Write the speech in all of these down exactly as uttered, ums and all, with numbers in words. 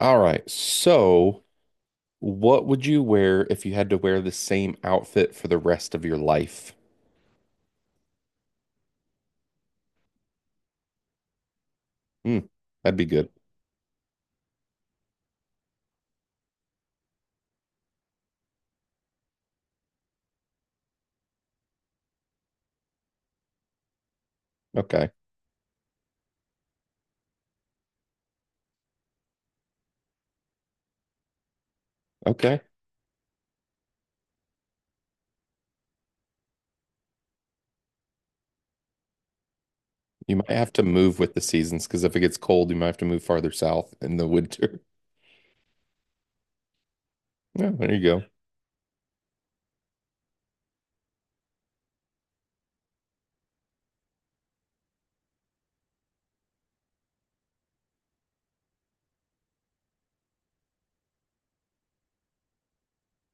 All right. So, what would you wear if you had to wear the same outfit for the rest of your life? Hmm, that'd be good. Okay. Okay. You might have to move with the seasons because if it gets cold, you might have to move farther south in the winter. Yeah, there you go.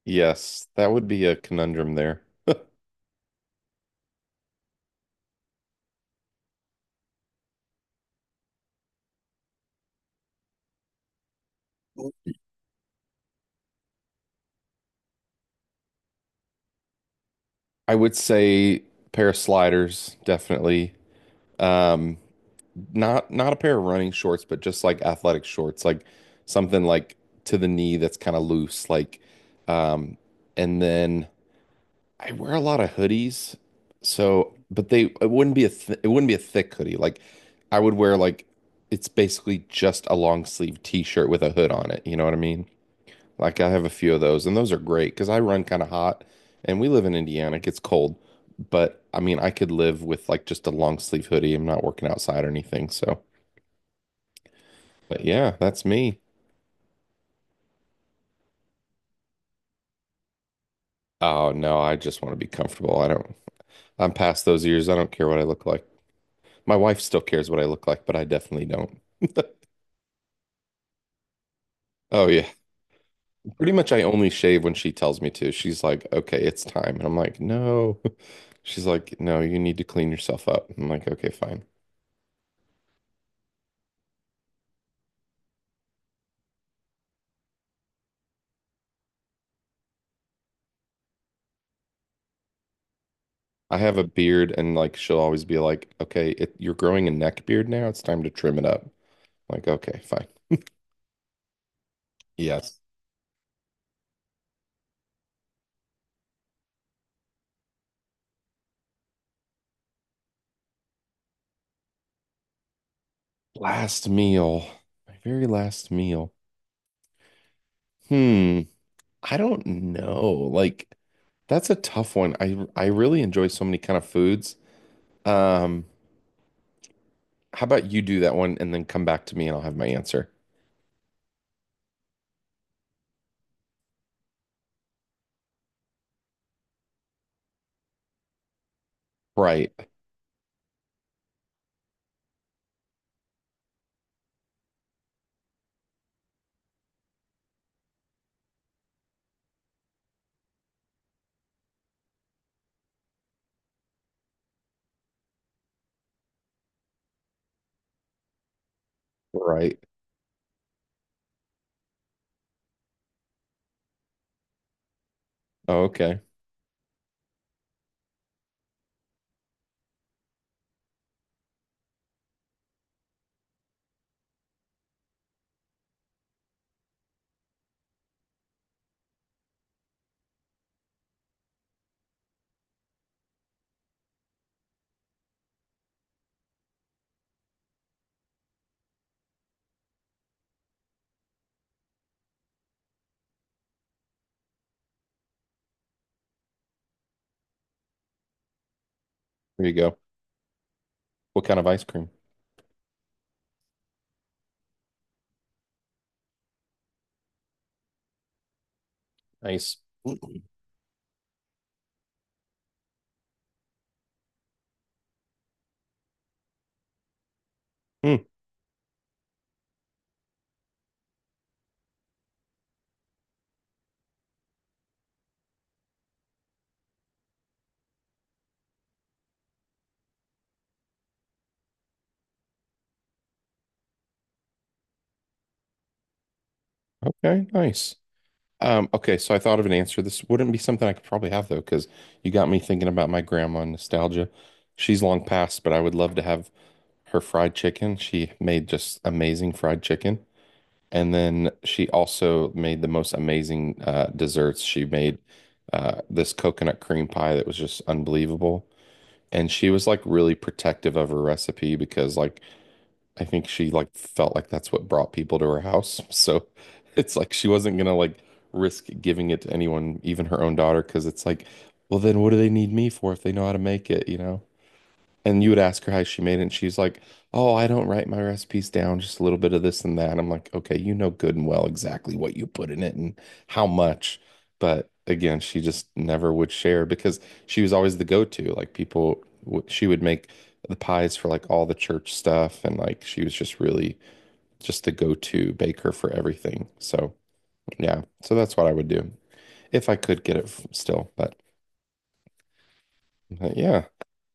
Yes, that would be a conundrum there. I would say pair of sliders, definitely. Um, not not a pair of running shorts, but just like athletic shorts, like something like to the knee that's kind of loose, like um and then I wear a lot of hoodies. So, but they it wouldn't be a th it wouldn't be a thick hoodie. Like I would wear like it's basically just a long sleeve t-shirt with a hood on it, you know what I mean? Like I have a few of those and those are great because I run kind of hot and we live in Indiana, it gets cold. But I mean, I could live with like just a long sleeve hoodie. I'm not working outside or anything, so but yeah, that's me. Oh no, I just want to be comfortable. I don't, I'm past those years. I don't care what I look like. My wife still cares what I look like, but I definitely don't. Oh yeah. Pretty much I only shave when she tells me to. She's like, "Okay, it's time." And I'm like, "No." She's like, "No, you need to clean yourself up." I'm like, "Okay, fine." I have a beard and like she'll always be like, "Okay, it, you're growing a neck beard now. It's time to trim it up." I'm like, "Okay, fine." Yes. Last meal. My very last meal. Hmm. I don't know. Like that's a tough one. I I really enjoy so many kind of foods. Um, how about you do that one and then come back to me and I'll have my answer. Right. Right. Oh, okay. There you go. What kind of ice cream? Nice. Mm, okay, nice. Um, okay, so I thought of an answer. This wouldn't be something I could probably have though, because you got me thinking about my grandma and nostalgia. She's long passed, but I would love to have her fried chicken. She made just amazing fried chicken. And then she also made the most amazing uh, desserts. She made uh, this coconut cream pie that was just unbelievable. And she was like really protective of her recipe because like I think she like felt like that's what brought people to her house. So it's like she wasn't gonna like risk giving it to anyone, even her own daughter, because it's like, well then what do they need me for if they know how to make it, you know? And you would ask her how she made it, and she's like, "Oh, I don't write my recipes down, just a little bit of this and that." I'm like, "Okay, you know good and well exactly what you put in it and how much." But again, she just never would share because she was always the go-to. Like people, w- she would make the pies for like all the church stuff, and like she was just really just the go-to baker for everything. So yeah, so that's what I would do if I could get it f- still. But uh, yeah,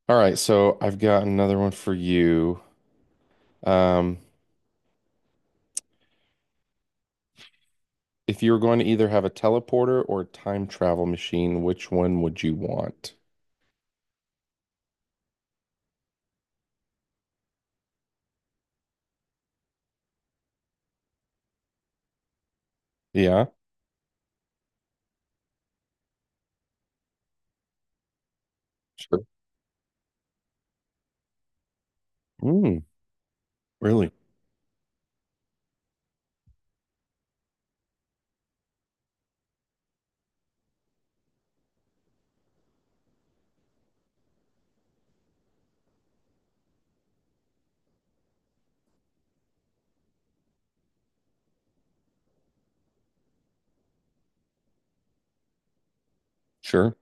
all right. So I've got another one for you. Um, If you were going to either have a teleporter or a time travel machine, which one would you want? Yeah, sure. Mm, really? Sure.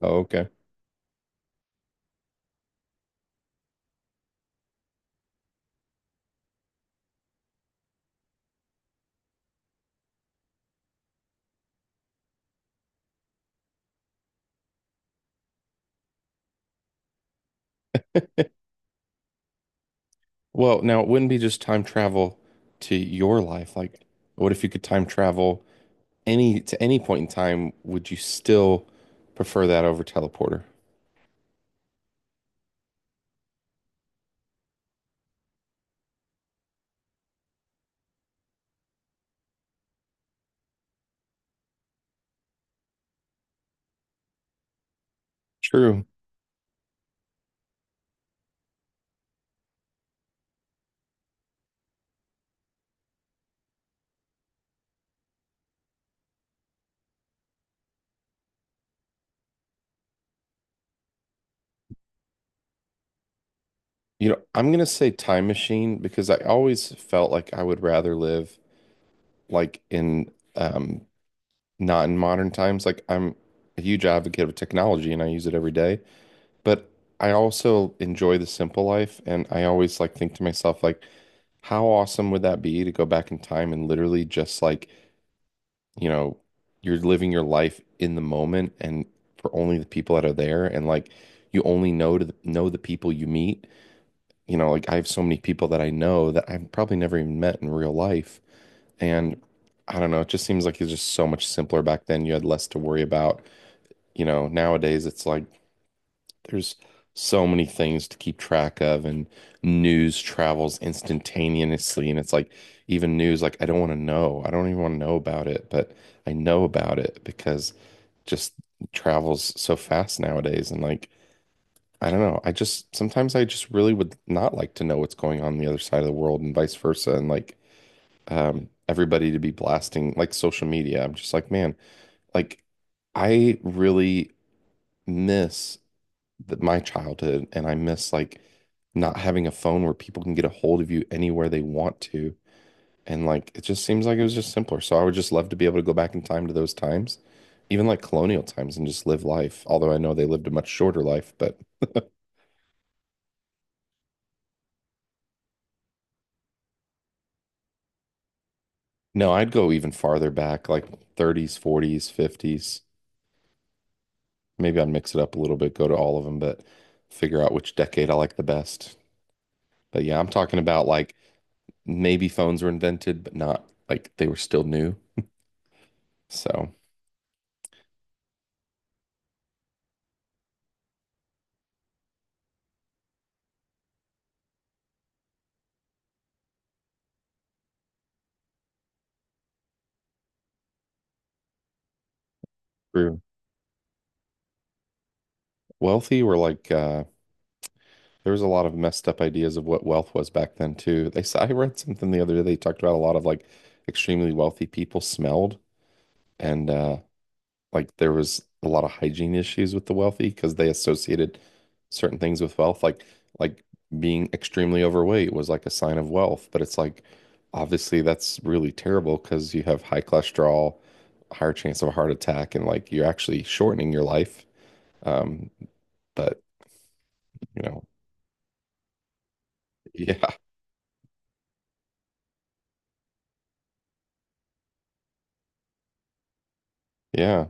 Oh, okay. Well, now it wouldn't be just time travel to your life. Like, what if you could time travel any to any point in time? Would you still prefer that over teleporter? True. You know, I'm gonna say time machine because I always felt like I would rather live like in um not in modern times. Like I'm a huge advocate of technology and I use it every day, but I also enjoy the simple life and I always like think to myself like how awesome would that be to go back in time and literally just like, you know, you're living your life in the moment and for only the people that are there and like you only know to the, know the people you meet. You know, like I have so many people that I know that I've probably never even met in real life and I don't know, it just seems like it's just so much simpler back then. You had less to worry about you know, nowadays it's like there's so many things to keep track of and news travels instantaneously and it's like even news like I don't want to know. I don't even want to know about it, but I know about it because just travels so fast nowadays and like I don't know. I just sometimes I just really would not like to know what's going on the other side of the world and vice versa and like um everybody to be blasting like social media. I'm just like, man, like I really miss th- my childhood, and I miss like not having a phone where people can get a hold of you anywhere they want to. And like it just seems like it was just simpler. So I would just love to be able to go back in time to those times, even like colonial times, and just live life. Although I know they lived a much shorter life, but no, I'd go even farther back, like thirties, forties, fifties. Maybe I'd mix it up a little bit, go to all of them, but figure out which decade I like the best. But yeah, I'm talking about like maybe phones were invented, but not like they were still new. So. True. Wealthy were like uh there was a lot of messed up ideas of what wealth was back then too. They s- I read something the other day they talked about a lot of like extremely wealthy people smelled and uh like there was a lot of hygiene issues with the wealthy because they associated certain things with wealth, like like being extremely overweight was like a sign of wealth, but it's like obviously that's really terrible because you have high cholesterol, higher chance of a heart attack, and like you're actually shortening your life. Um, but you know, yeah, yeah.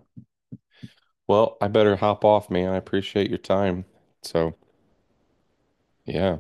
Well, I better hop off, man. I appreciate your time. So, yeah.